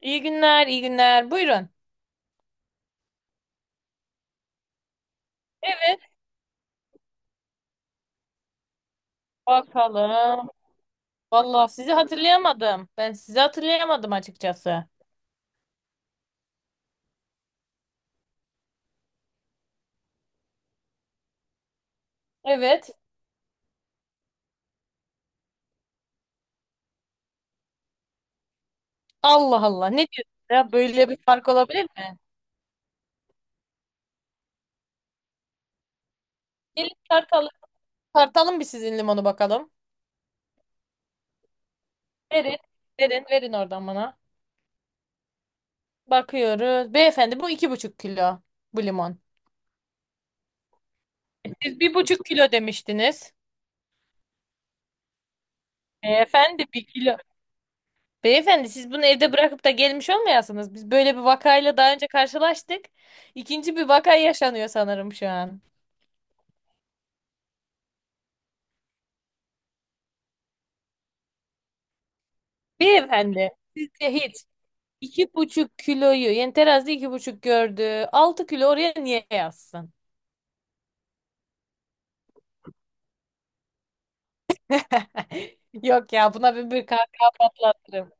İyi günler, iyi günler. Buyurun. Evet, bakalım. Vallahi sizi hatırlayamadım. Ben sizi hatırlayamadım açıkçası. Evet. Allah Allah. Ne diyorsun ya? Böyle bir fark olabilir mi? Gelin tartalım. Tartalım bir sizin limonu bakalım. Verin, verin, verin oradan bana. Bakıyoruz. Beyefendi bu 2,5 kilo bu limon. E, siz 1,5 kilo demiştiniz. Beyefendi 1 kilo. Beyefendi siz bunu evde bırakıp da gelmiş olmayasınız. Biz böyle bir vakayla daha önce karşılaştık. İkinci bir vaka yaşanıyor sanırım şu an. Beyefendi sizce hiç 2,5 kiloyu yani terazide 2,5 gördü. 6 kilo oraya niye yazsın? Yok ya buna bir kahkaha patlatırım.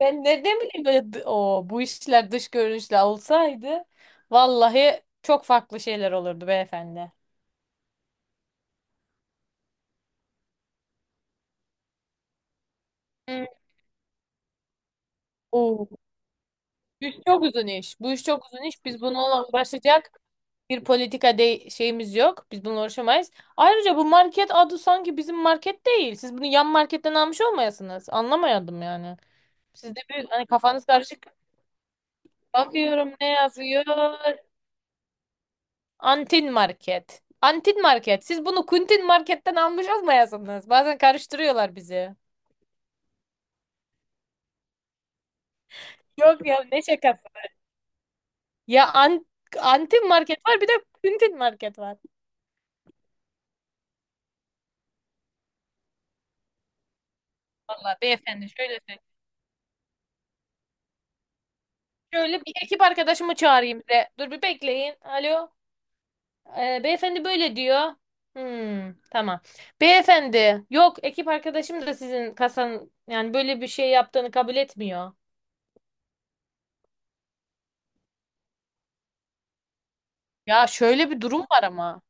Ben nereden bileyim? Böyle o, bu işler dış görünüşle olsaydı vallahi çok farklı şeyler olurdu beyefendi. Hmm. Bu iş çok uzun iş. Bu iş çok uzun iş. Biz bununla uğraşacak bir politika de şeyimiz yok. Biz bununla uğraşamayız. Ayrıca bu market adı sanki bizim market değil. Siz bunu yan marketten almış olmayasınız. Anlamayadım yani. Sizde bir hani kafanız karışık. Bakıyorum ne yazıyor? Antin market. Antin market. Siz bunu kuntin marketten almış olmayasınız. Bazen karıştırıyorlar bizi. Yok ya ne şakası. Ya antin market var, bir de kuntin market var. Vallahi beyefendi şöyle söyleyeyim. Şöyle bir ekip arkadaşımı çağırayım size. Dur bir bekleyin. Alo. Beyefendi böyle diyor. Hmm, tamam. Beyefendi, yok, ekip arkadaşım da sizin kasanın yani böyle bir şey yaptığını kabul etmiyor. Ya şöyle bir durum var ama.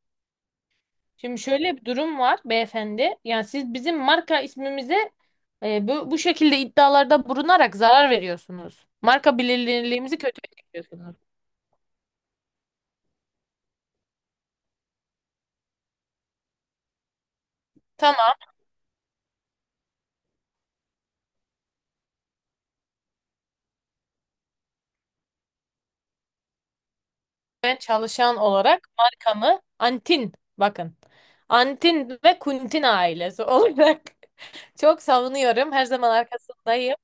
Şimdi şöyle bir durum var beyefendi. Yani siz bizim marka ismimize bu şekilde iddialarda bulunarak zarar veriyorsunuz. Marka bilinirliğimizi kötüye çekiyorsunuz. Tamam. Ve çalışan olarak markamı, Antin, bakın. Antin ve Kuntin ailesi olarak çok savunuyorum. Her zaman arkasındayım.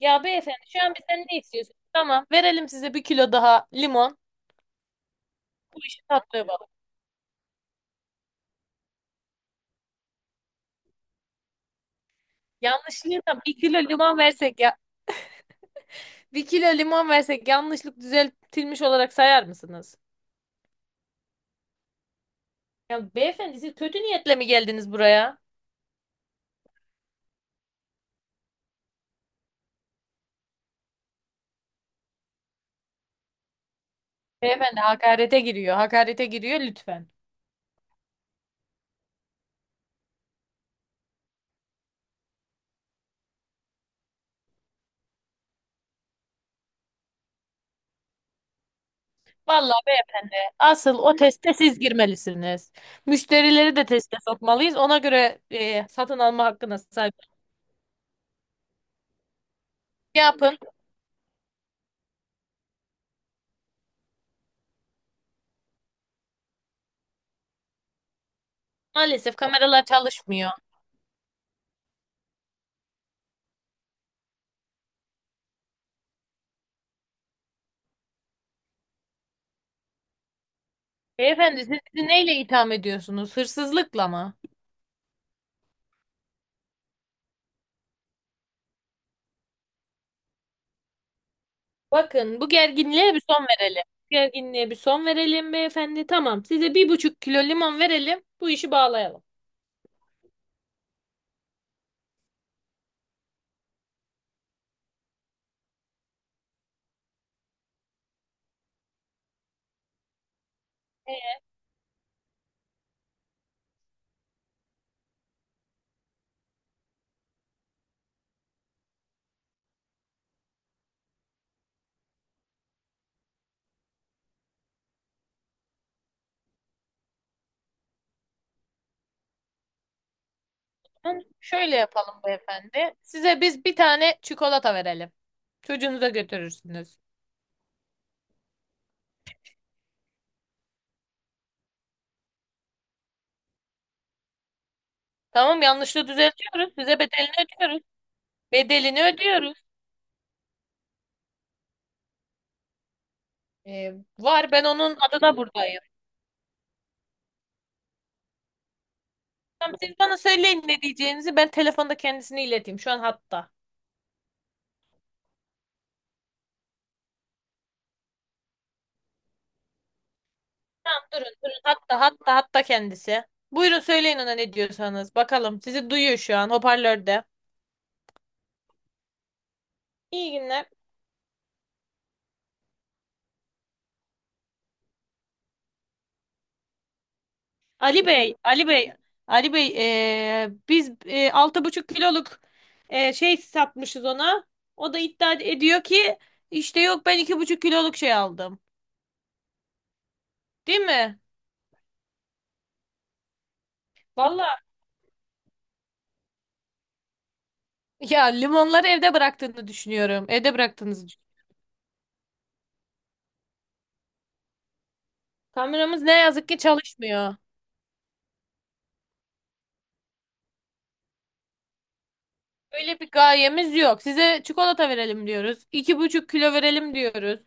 Ya beyefendi, şu an bizden ne istiyorsunuz? Tamam, verelim size 1 kilo daha limon. Şu tatlı balık. Yanlışlıkla 1 kilo limon versek ya. 1 kilo limon versek yanlışlık düzeltilmiş olarak sayar mısınız? Ya beyefendi, siz kötü niyetle mi geldiniz buraya? Beyefendi hakarete giriyor. Hakarete giriyor lütfen. Vallahi beyefendi, asıl o teste siz girmelisiniz. Müşterileri de teste sokmalıyız. Ona göre satın alma hakkına sahip. Yapın. Maalesef kameralar çalışmıyor. Beyefendi, siz bizi neyle itham ediyorsunuz? Hırsızlıkla mı? Bakın, bu gerginliğe bir son verelim. Bu gerginliğe bir son verelim beyefendi. Tamam, size 1,5 kilo limon verelim. Bu işi bağlayalım. Şöyle yapalım beyefendi. Size biz bir tane çikolata verelim. Çocuğunuza götürürsünüz. Tamam, yanlışlığı düzeltiyoruz. Size bedelini ödüyoruz. Bedelini ödüyoruz. Ee, Var, ben onun adına buradayım. Tamam, siz bana söyleyin ne diyeceğinizi. Ben telefonda kendisini ileteyim. Şu an hatta. Tamam durun durun. Hatta kendisi. Buyurun söyleyin ona ne diyorsanız. Bakalım, sizi duyuyor şu an hoparlörde. İyi günler. Ali Bey, Ali Bey, Ali Bey, biz 6,5 kiloluk şey satmışız ona. O da iddia ediyor ki işte yok, ben 2,5 kiloluk şey aldım. Değil mi? Valla. Ya, limonları evde bıraktığını düşünüyorum. Evde bıraktığınızı düşünüyorum. Kameramız ne yazık ki çalışmıyor. Öyle bir gayemiz yok. Size çikolata verelim diyoruz. 2,5 kilo verelim diyoruz.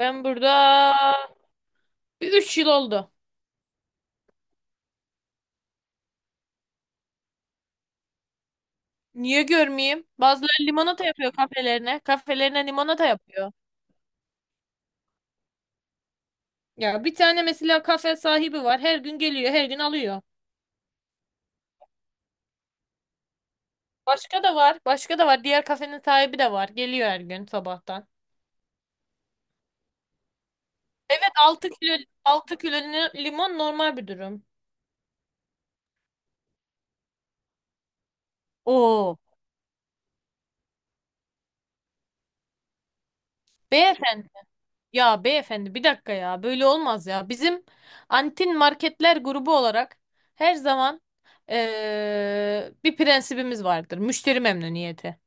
Ben burada bir 3 yıl oldu. Niye görmeyeyim? Bazıları limonata yapıyor kafelerine. Kafelerine limonata yapıyor. Ya bir tane mesela kafe sahibi var. Her gün geliyor, her gün alıyor. Başka da var. Başka da var. Diğer kafenin sahibi de var. Geliyor her gün sabahtan. Evet, 6 kilo limon normal bir durum. Oo. Beyefendi. Ya beyefendi, bir dakika ya. Böyle olmaz ya. Bizim Antin Marketler grubu olarak her zaman bir prensibimiz vardır. Müşteri memnuniyeti.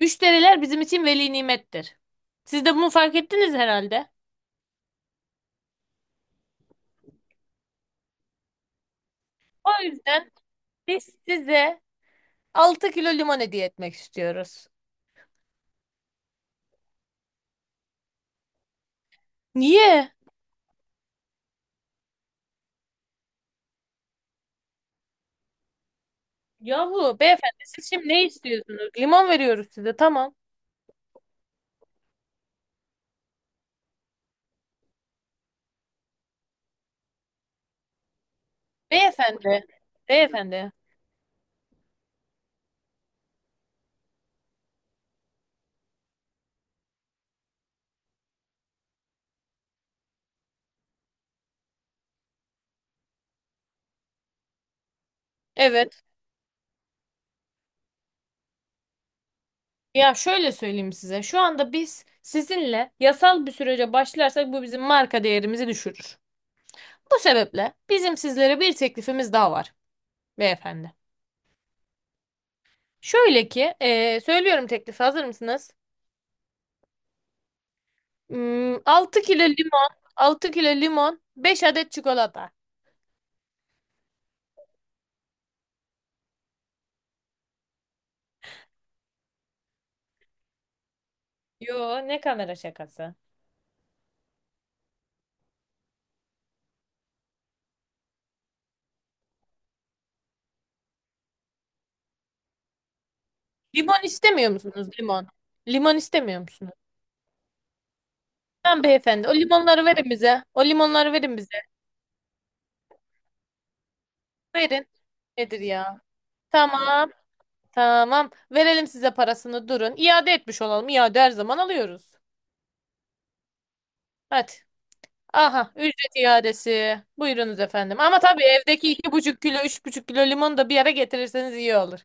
Müşteriler bizim için veli nimettir. Siz de bunu fark ettiniz herhalde. O yüzden biz size 6 kilo limon hediye etmek istiyoruz. Niye? Yahu beyefendi, siz şimdi ne istiyorsunuz? Limon veriyoruz size, tamam. Beyefendi, beyefendi. Evet. Ya şöyle söyleyeyim size. Şu anda biz sizinle yasal bir sürece başlarsak bu bizim marka değerimizi düşürür. Bu sebeple bizim sizlere bir teklifimiz daha var beyefendi. Şöyle ki, söylüyorum teklifi, hazır mısınız? 6 kilo limon, 6 kilo limon, 5 adet çikolata. Yo, ne kamera şakası. Limon istemiyor musunuz, limon? Limon istemiyor musunuz? Tamam beyefendi. O limonları verin bize. O limonları verin bize. Verin. Nedir ya? Tamam. Tamam. Verelim size parasını. Durun. İade etmiş olalım. İade her zaman alıyoruz. Hadi. Aha. Ücret iadesi. Buyurunuz efendim. Ama tabii evdeki 2,5 kilo, 3,5 kilo limonu da bir yere getirirseniz iyi olur.